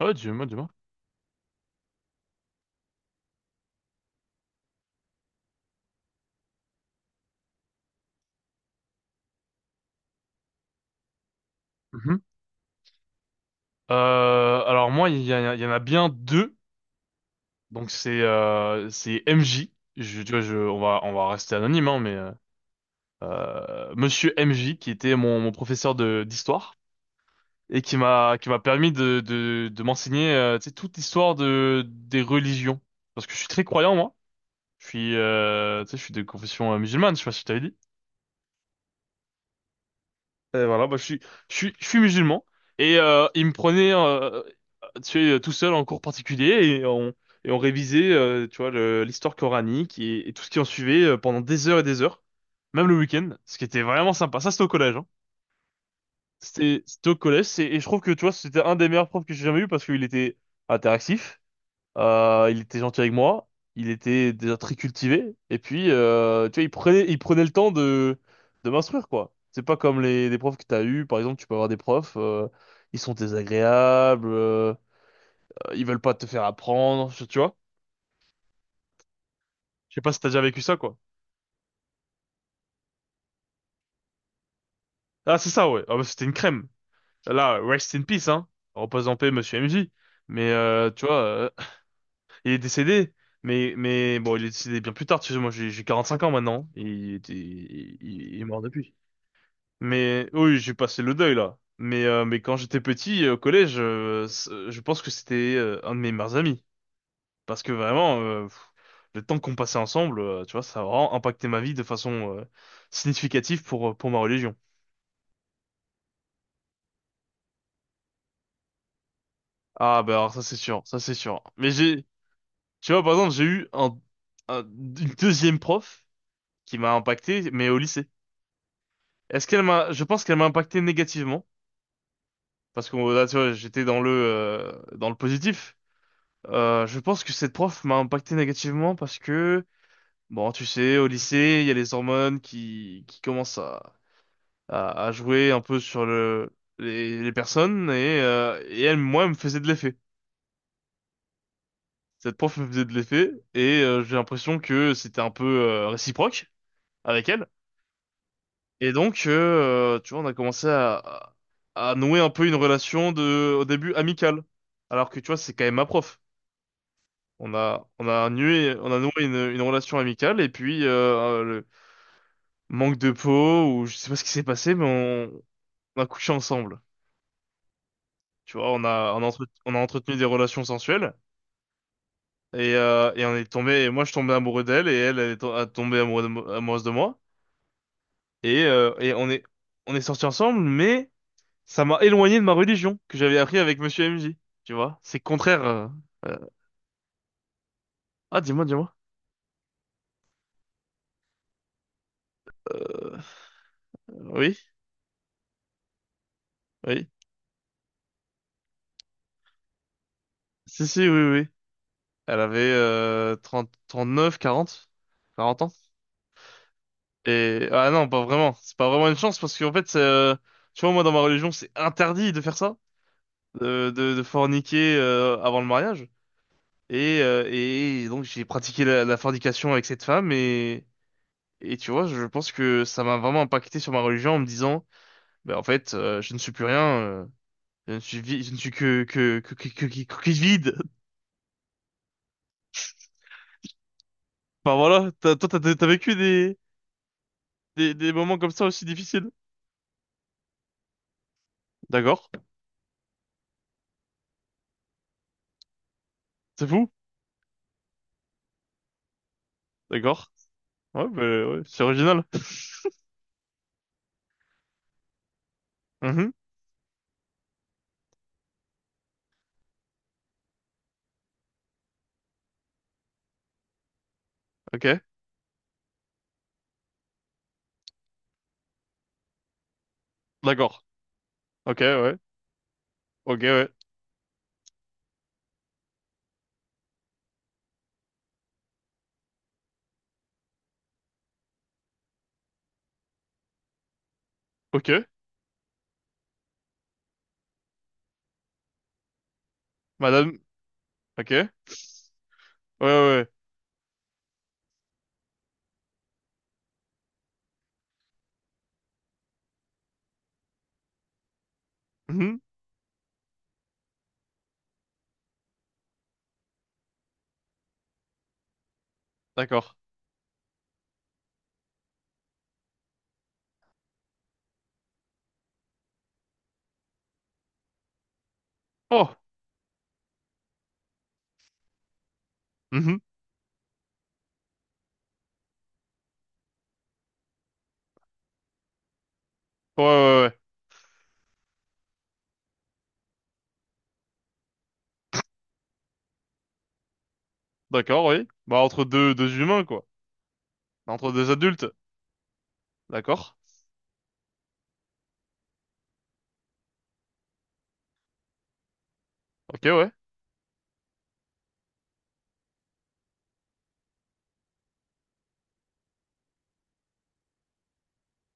Ouais, dis-moi, dis-moi. Mhm. Alors moi, il y en a bien deux. Donc c'est MJ. Tu vois, on va rester anonyme, hein, mais Monsieur MJ qui était mon professeur de d'histoire et qui m'a permis de m'enseigner, tu sais, toute l'histoire de des religions, parce que je suis très croyant moi. Je suis, tu sais, je suis de confession musulmane. Je sais pas si je t'avais dit. Et voilà, bah, je suis musulman. Et il me prenait, tu sais, tout seul en cours particulier, et on révisait, tu vois, l'histoire coranique, et tout ce qui en suivait, pendant des heures et des heures, même le week-end, ce qui était vraiment sympa. Ça, c'était au collège, hein. C'était au collège, et je trouve que, tu vois, c'était un des meilleurs profs que j'ai jamais eu parce qu'il était interactif. Il était gentil avec moi. Il était déjà très cultivé. Et puis, tu vois, il prenait le temps de m'instruire, quoi. C'est pas comme les profs que t'as eu. Par exemple, tu peux avoir des profs, ils sont désagréables, ils veulent pas te faire apprendre, tu vois. Je sais pas si t'as déjà vécu ça, quoi. Ah, c'est ça, ouais. Ah, bah, c'était une crème. Là, rest in peace, hein. Repose en paix, monsieur MJ. Mais, tu vois, il est décédé. Mais bon, il est décédé bien plus tard. Tu sais, moi, j'ai 45 ans maintenant. Et Il était, il est mort depuis. Mais oui, j'ai passé le deuil là. Mais quand j'étais petit, au collège, je pense que c'était, un de mes meilleurs amis, parce que vraiment, le temps qu'on passait ensemble, tu vois, ça a vraiment impacté ma vie de façon, significative, pour ma religion. Ah bah alors ça c'est sûr, ça c'est sûr. Mais j'ai tu vois, par exemple, j'ai eu une deuxième prof qui m'a impacté mais au lycée. Est-ce qu'elle m'a je pense qu'elle m'a impacté négativement, parce que bon, là tu vois, j'étais dans le positif. Je pense que cette prof m'a impacté négativement parce que, bon, tu sais, au lycée, il y a les hormones qui commencent à jouer un peu sur les personnes, et, et elle, moi, elle me faisait de l'effet. Cette prof me faisait de l'effet, et j'ai l'impression que c'était un peu, réciproque avec elle. Et donc, tu vois, on a commencé à nouer un peu une relation, au début amicale. Alors que, tu vois, c'est quand même ma prof. On a noué une relation amicale, et puis le manque de peau ou je sais pas ce qui s'est passé, mais on a couché ensemble. Tu vois, on a entretenu des relations sensuelles, et et on est tombé. Et moi, je tombais amoureux d'elle, et elle a tombé amoureuse de moi. Et on est sortis ensemble, mais ça m'a éloigné de ma religion que j'avais appris avec Monsieur MJ. Tu vois, c'est contraire. Euh, Ah, dis-moi, dis-moi. Oui, oui. Si, si, oui, oui. Oui. Elle avait, 30, 39, quarante, 40 ans. Et ah non, pas vraiment. C'est pas vraiment une chance parce qu'en fait, tu vois, moi dans ma religion, c'est interdit de faire ça, de forniquer, avant le mariage. Et donc j'ai pratiqué la fornication avec cette femme, et tu vois, je pense que ça m'a vraiment impacté sur ma religion en me disant, ben en fait, je ne suis plus rien. Je ne suis que coquille vide. Enfin voilà, toi, t'as vécu des, des moments comme ça aussi difficiles. D'accord. C'est fou? D'accord. Ouais, bah, ouais, c'est original. Mhm. Ok. D'accord. Ok, ouais. Ok, ouais. Ok. Madame. Ok. Ouais, ouais, ouais. Mhm. D'accord. Oh. Mhm. Ouais, ouais, ouais. D'accord, oui. Bah, entre deux humains, quoi. Entre deux adultes. D'accord. Ok, ouais.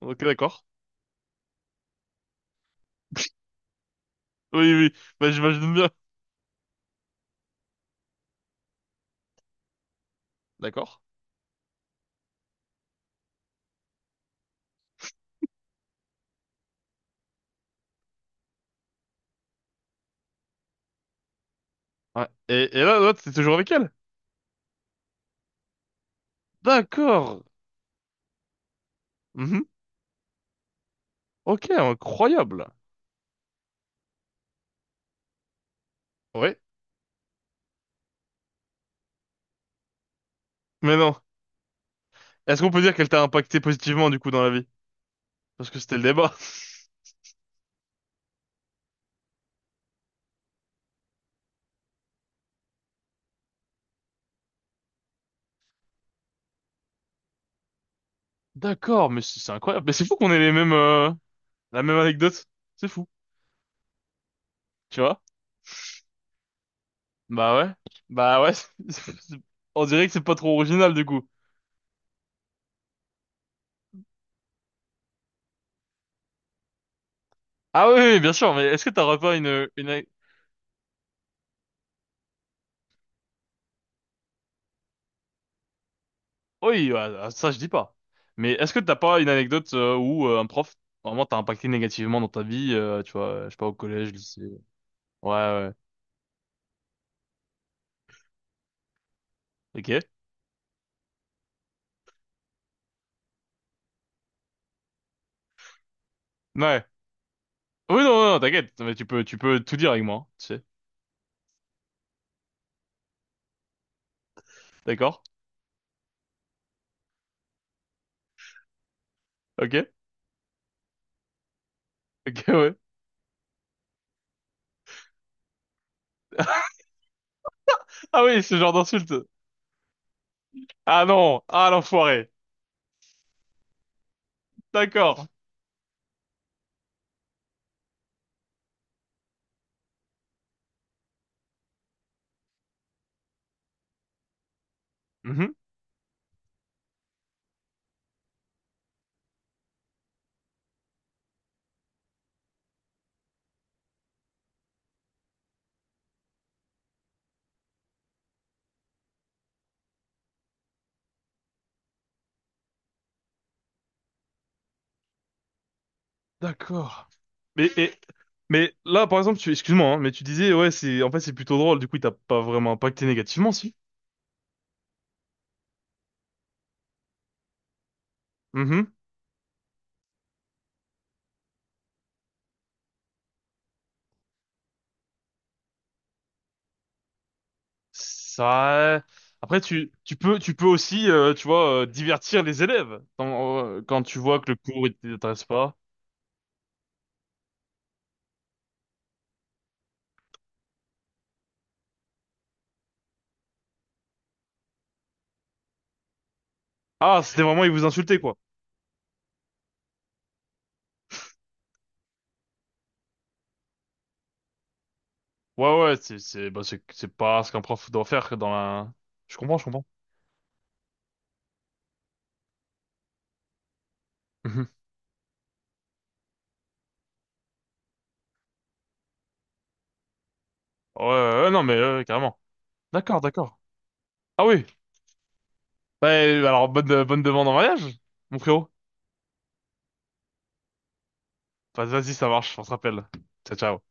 Ok, d'accord. Oui, oui. Bah, j'imagine bien. D'accord. Ouais. Et là, t'es toujours avec elle? D'accord. Mhm. Ok, incroyable. Ouais. Mais non. Est-ce qu'on peut dire qu'elle t'a impacté positivement, du coup, dans la vie? Parce que c'était le débat. D'accord, mais c'est incroyable. Mais c'est fou qu'on ait la même anecdote. C'est fou, tu vois? Bah ouais. Bah ouais. c'est- c'est- On dirait que c'est pas trop original du coup. Ah oui, oui, bien sûr. Mais est-ce que t'aurais pas une. Oui, ouais, ah, ça je dis pas. Mais est-ce que t'as pas une anecdote, où un prof vraiment t'a impacté négativement dans ta vie, tu vois, je sais pas, au collège, lycée. Ouais, ouais. Ok. Ouais. Oui, non, non, t'inquiète. Mais tu peux tout dire avec moi, hein, tu sais. D'accord? Ok. Ok, ouais. Ah oui, ce genre d'insulte. Ah non. Ah l'enfoiré. D'accord. Mhm. D'accord. Mais, et- mais là, par exemple, excuse-moi, hein, mais tu disais, ouais, en fait, c'est plutôt drôle. Du coup, il t'a pas vraiment impacté négativement, si. Mhm. Ça, après, tu peux aussi, tu vois, divertir les élèves, quand tu vois que le cours, il t'intéresse pas. Ah, c'était vraiment, ils vous insultaient, quoi. Ouais, ouais, bah, c'est pas ce qu'un prof doit faire, je comprends, je comprends. Mhm. Ouais, ouais, ouais, non, mais, carrément. D'accord, d'accord. Ah oui. Bah, alors, bonne demande en mariage, mon frérot. Vas-y, ça marche, on se rappelle. Ciao, ciao.